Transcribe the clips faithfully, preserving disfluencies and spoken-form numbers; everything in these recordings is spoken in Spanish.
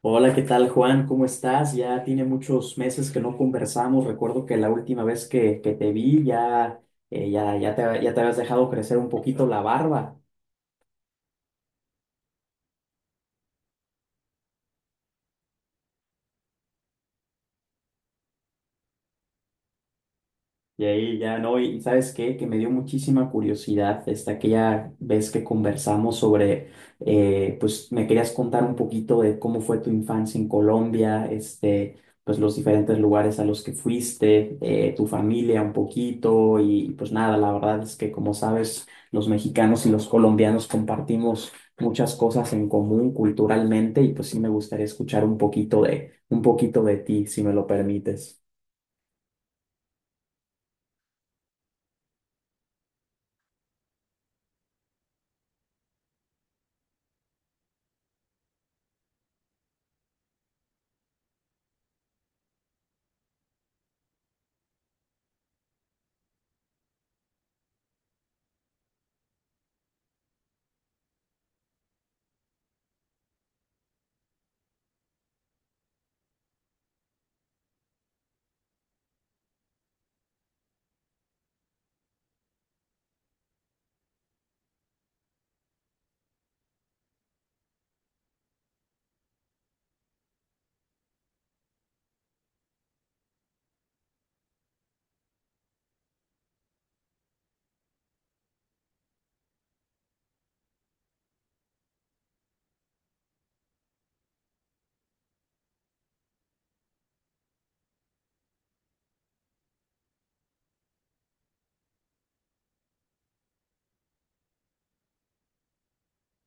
Hola, ¿qué tal, Juan? ¿Cómo estás? Ya tiene muchos meses que no conversamos. Recuerdo que la última vez que, que te vi ya, eh, ya, ya te, ya te habías dejado crecer un poquito la barba. Y ahí ya no, y ¿sabes qué? Que me dio muchísima curiosidad esta aquella vez que conversamos sobre, eh, pues me querías contar un poquito de cómo fue tu infancia en Colombia, este, pues los diferentes lugares a los que fuiste, eh, tu familia un poquito y pues nada, la verdad es que como sabes, los mexicanos y los colombianos compartimos muchas cosas en común culturalmente y pues sí me gustaría escuchar un poquito de, un poquito de ti, si me lo permites.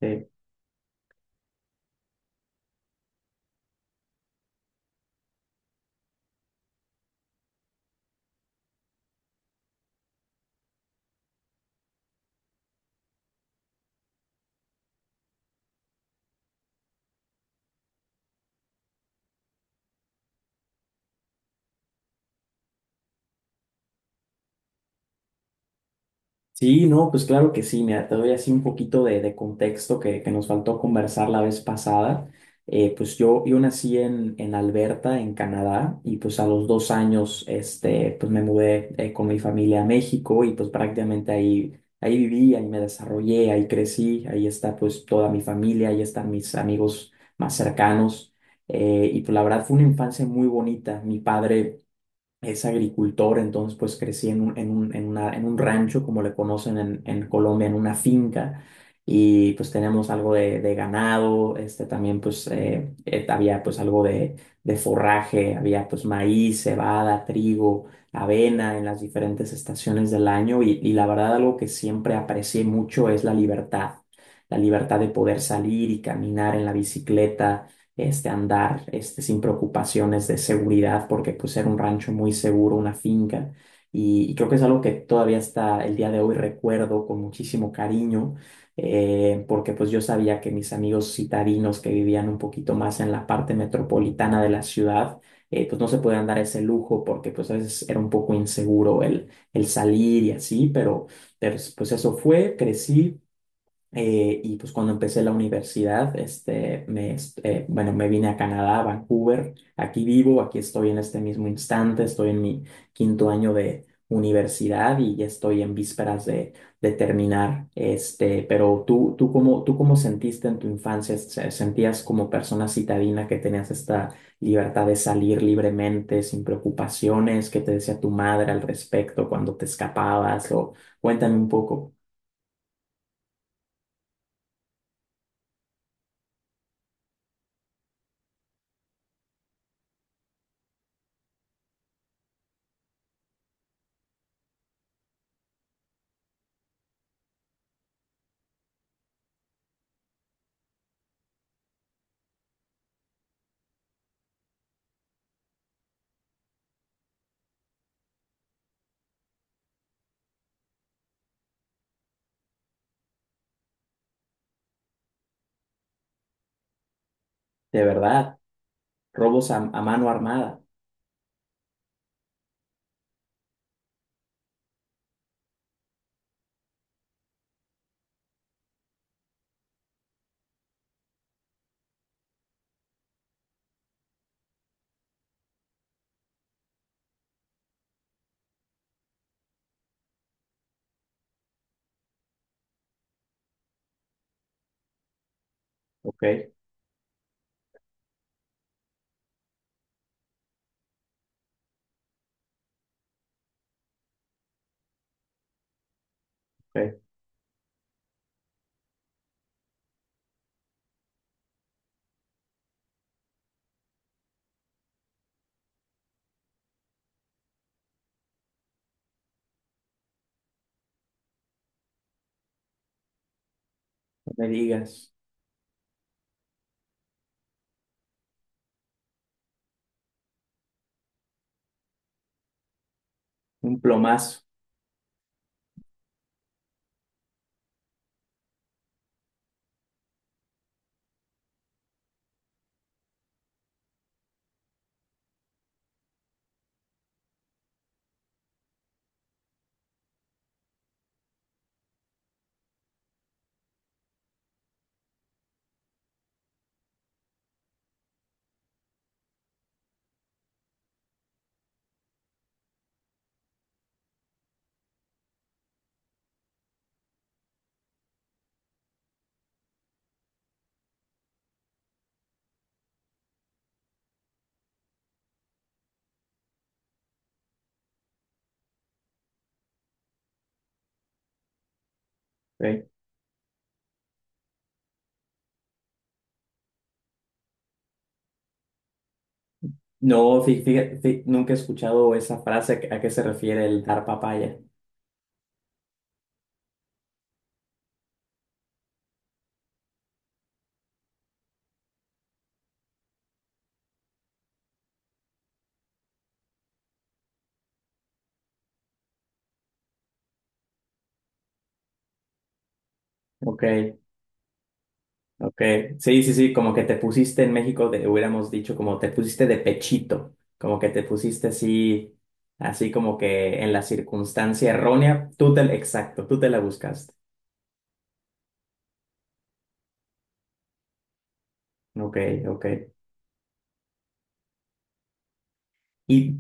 Sí. Sí, no, pues claro que sí, mira, te doy así un poquito de, de contexto que, que nos faltó conversar la vez pasada. Eh, pues yo, yo nací en, en Alberta, en Canadá, y pues a los dos años, este, pues me mudé eh, con mi familia a México y pues prácticamente ahí, ahí viví, ahí me desarrollé, ahí crecí, ahí está pues toda mi familia, ahí están mis amigos más cercanos. Eh, y pues la verdad fue una infancia muy bonita. Mi padre es agricultor, entonces pues crecí en un, en un, en una- en un rancho, como le conocen en, en Colombia, en una finca, y pues tenemos algo de, de ganado, este también pues eh, eh, había pues algo de, de forraje, había pues maíz, cebada, trigo, avena en las diferentes estaciones del año, y, y la verdad algo que siempre aprecié mucho es la libertad, la libertad de poder salir y caminar en la bicicleta este, andar este, sin preocupaciones de seguridad, porque pues era un rancho muy seguro, una finca, y, y creo que es algo que todavía hasta el día de hoy recuerdo con muchísimo cariño, eh, porque pues yo sabía que mis amigos citadinos que vivían un poquito más en la parte metropolitana de la ciudad, eh, pues no se podían dar ese lujo porque pues a veces era un poco inseguro el, el salir y así, pero, pero, pues eso fue, crecí, eh, y pues cuando empecé la universidad, este, me, est- eh, bueno, me vine a Canadá, a Vancouver, aquí vivo, aquí estoy en este mismo instante, estoy en mi quinto año de universidad y ya estoy en vísperas de, de terminar, este, pero tú, tú cómo, tú cómo sentiste en tu infancia, Se- sentías como persona citadina que tenías esta libertad de salir libremente, sin preocupaciones, ¿qué te decía tu madre al respecto cuando te escapabas? O cuéntame un poco, de verdad. Robos a, a mano armada, ok, ok, no me digas, un plomazo, ok. No, fíjate, nunca he escuchado esa frase a qué se refiere el dar papaya, ok, ok, sí, sí, sí, como que te pusiste en México, de- hubiéramos dicho como te pusiste de pechito, como que te pusiste así, así como que en la circunstancia errónea, tú te, exacto, tú te la buscaste, ok, ok. Y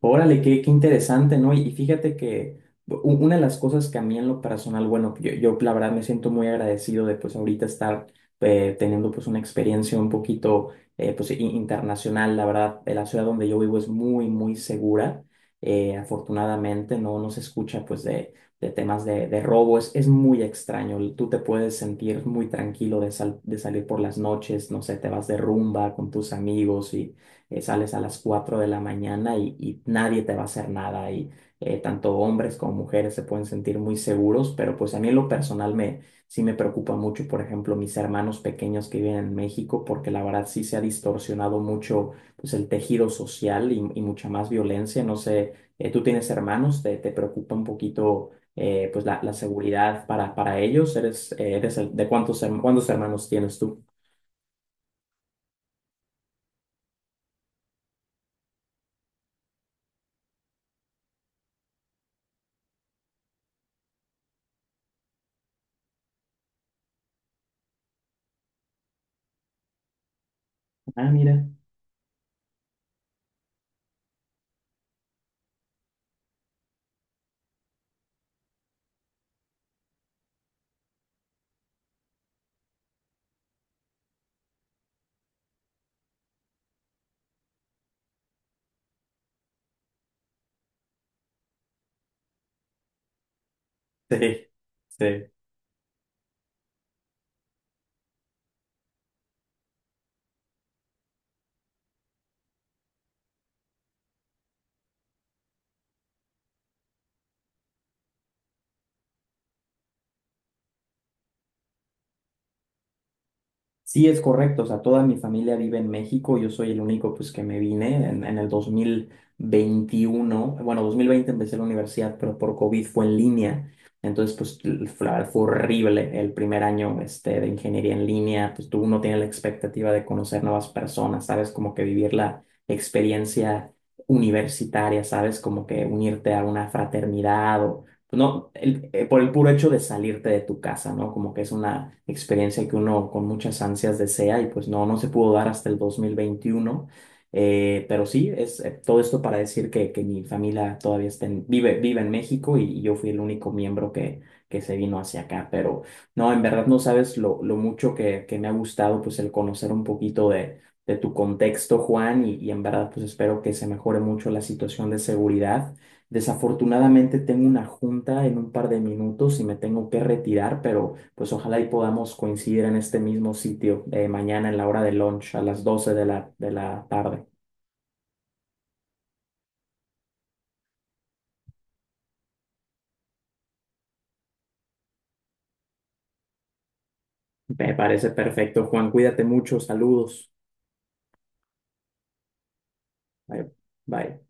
órale, qué, qué interesante, ¿no? Y fíjate que u- una de las cosas que a mí en lo personal, bueno, yo, yo la verdad me siento muy agradecido de pues ahorita estar eh, teniendo pues una experiencia un poquito eh, pues i- internacional, la verdad, eh, la ciudad donde yo vivo es muy, muy segura, eh, afortunadamente, no, no se escucha pues de, de temas de, de robo, es, es muy extraño, tú te puedes sentir muy tranquilo de, sal- de salir por las noches, no sé, te vas de rumba con tus amigos eh, sales a las cuatro de la mañana y, y nadie te va a hacer nada y eh, tanto hombres como mujeres se pueden sentir muy seguros, pero pues a mí en lo personal me, sí me preocupa mucho, por ejemplo, mis hermanos pequeños que viven en México, porque la verdad sí se ha distorsionado mucho pues el tejido social y, y mucha más violencia, no sé, eh, tú tienes hermanos, te, te preocupa un poquito eh, pues la, la seguridad para, para ellos, eres, eh, eres el- ¿de cuántos, herm- cuántos hermanos tienes tú? Ah, mira. Sí, sí. Sí, es correcto, o sea, toda mi familia vive en México, yo soy el único pues que me vine en, en el dos mil veintiuno, bueno, dos mil veinte empecé la universidad, pero por COVID fue en línea, entonces pues l- fue la verdad fue horrible el primer año este, de ingeniería en línea, pues tú no tienes la expectativa de conocer nuevas personas, sabes, como que vivir la experiencia universitaria, sabes, como que unirte a una fraternidad o no, el- eh, por el puro hecho de salirte de tu casa, ¿no? Como que es una experiencia que uno con muchas ansias desea y pues no, no se pudo dar hasta el dos mil veintiuno. Eh, pero sí, es eh, todo esto para decir que, que mi familia todavía está en- vive, vive en México y, y yo fui el único miembro que, que se vino hacia acá. Pero no, en verdad no sabes lo, lo mucho que, que me ha gustado pues el conocer un poquito de, de tu contexto, Juan, y, y en verdad pues espero que se mejore mucho la situación de seguridad. Desafortunadamente tengo una junta en un par de minutos y me tengo que retirar, pero pues ojalá y podamos coincidir en este mismo sitio eh, mañana en la hora de lunch a las doce de la, de la tarde. Me parece perfecto, Juan. Cuídate mucho. Saludos. Bye. Bye.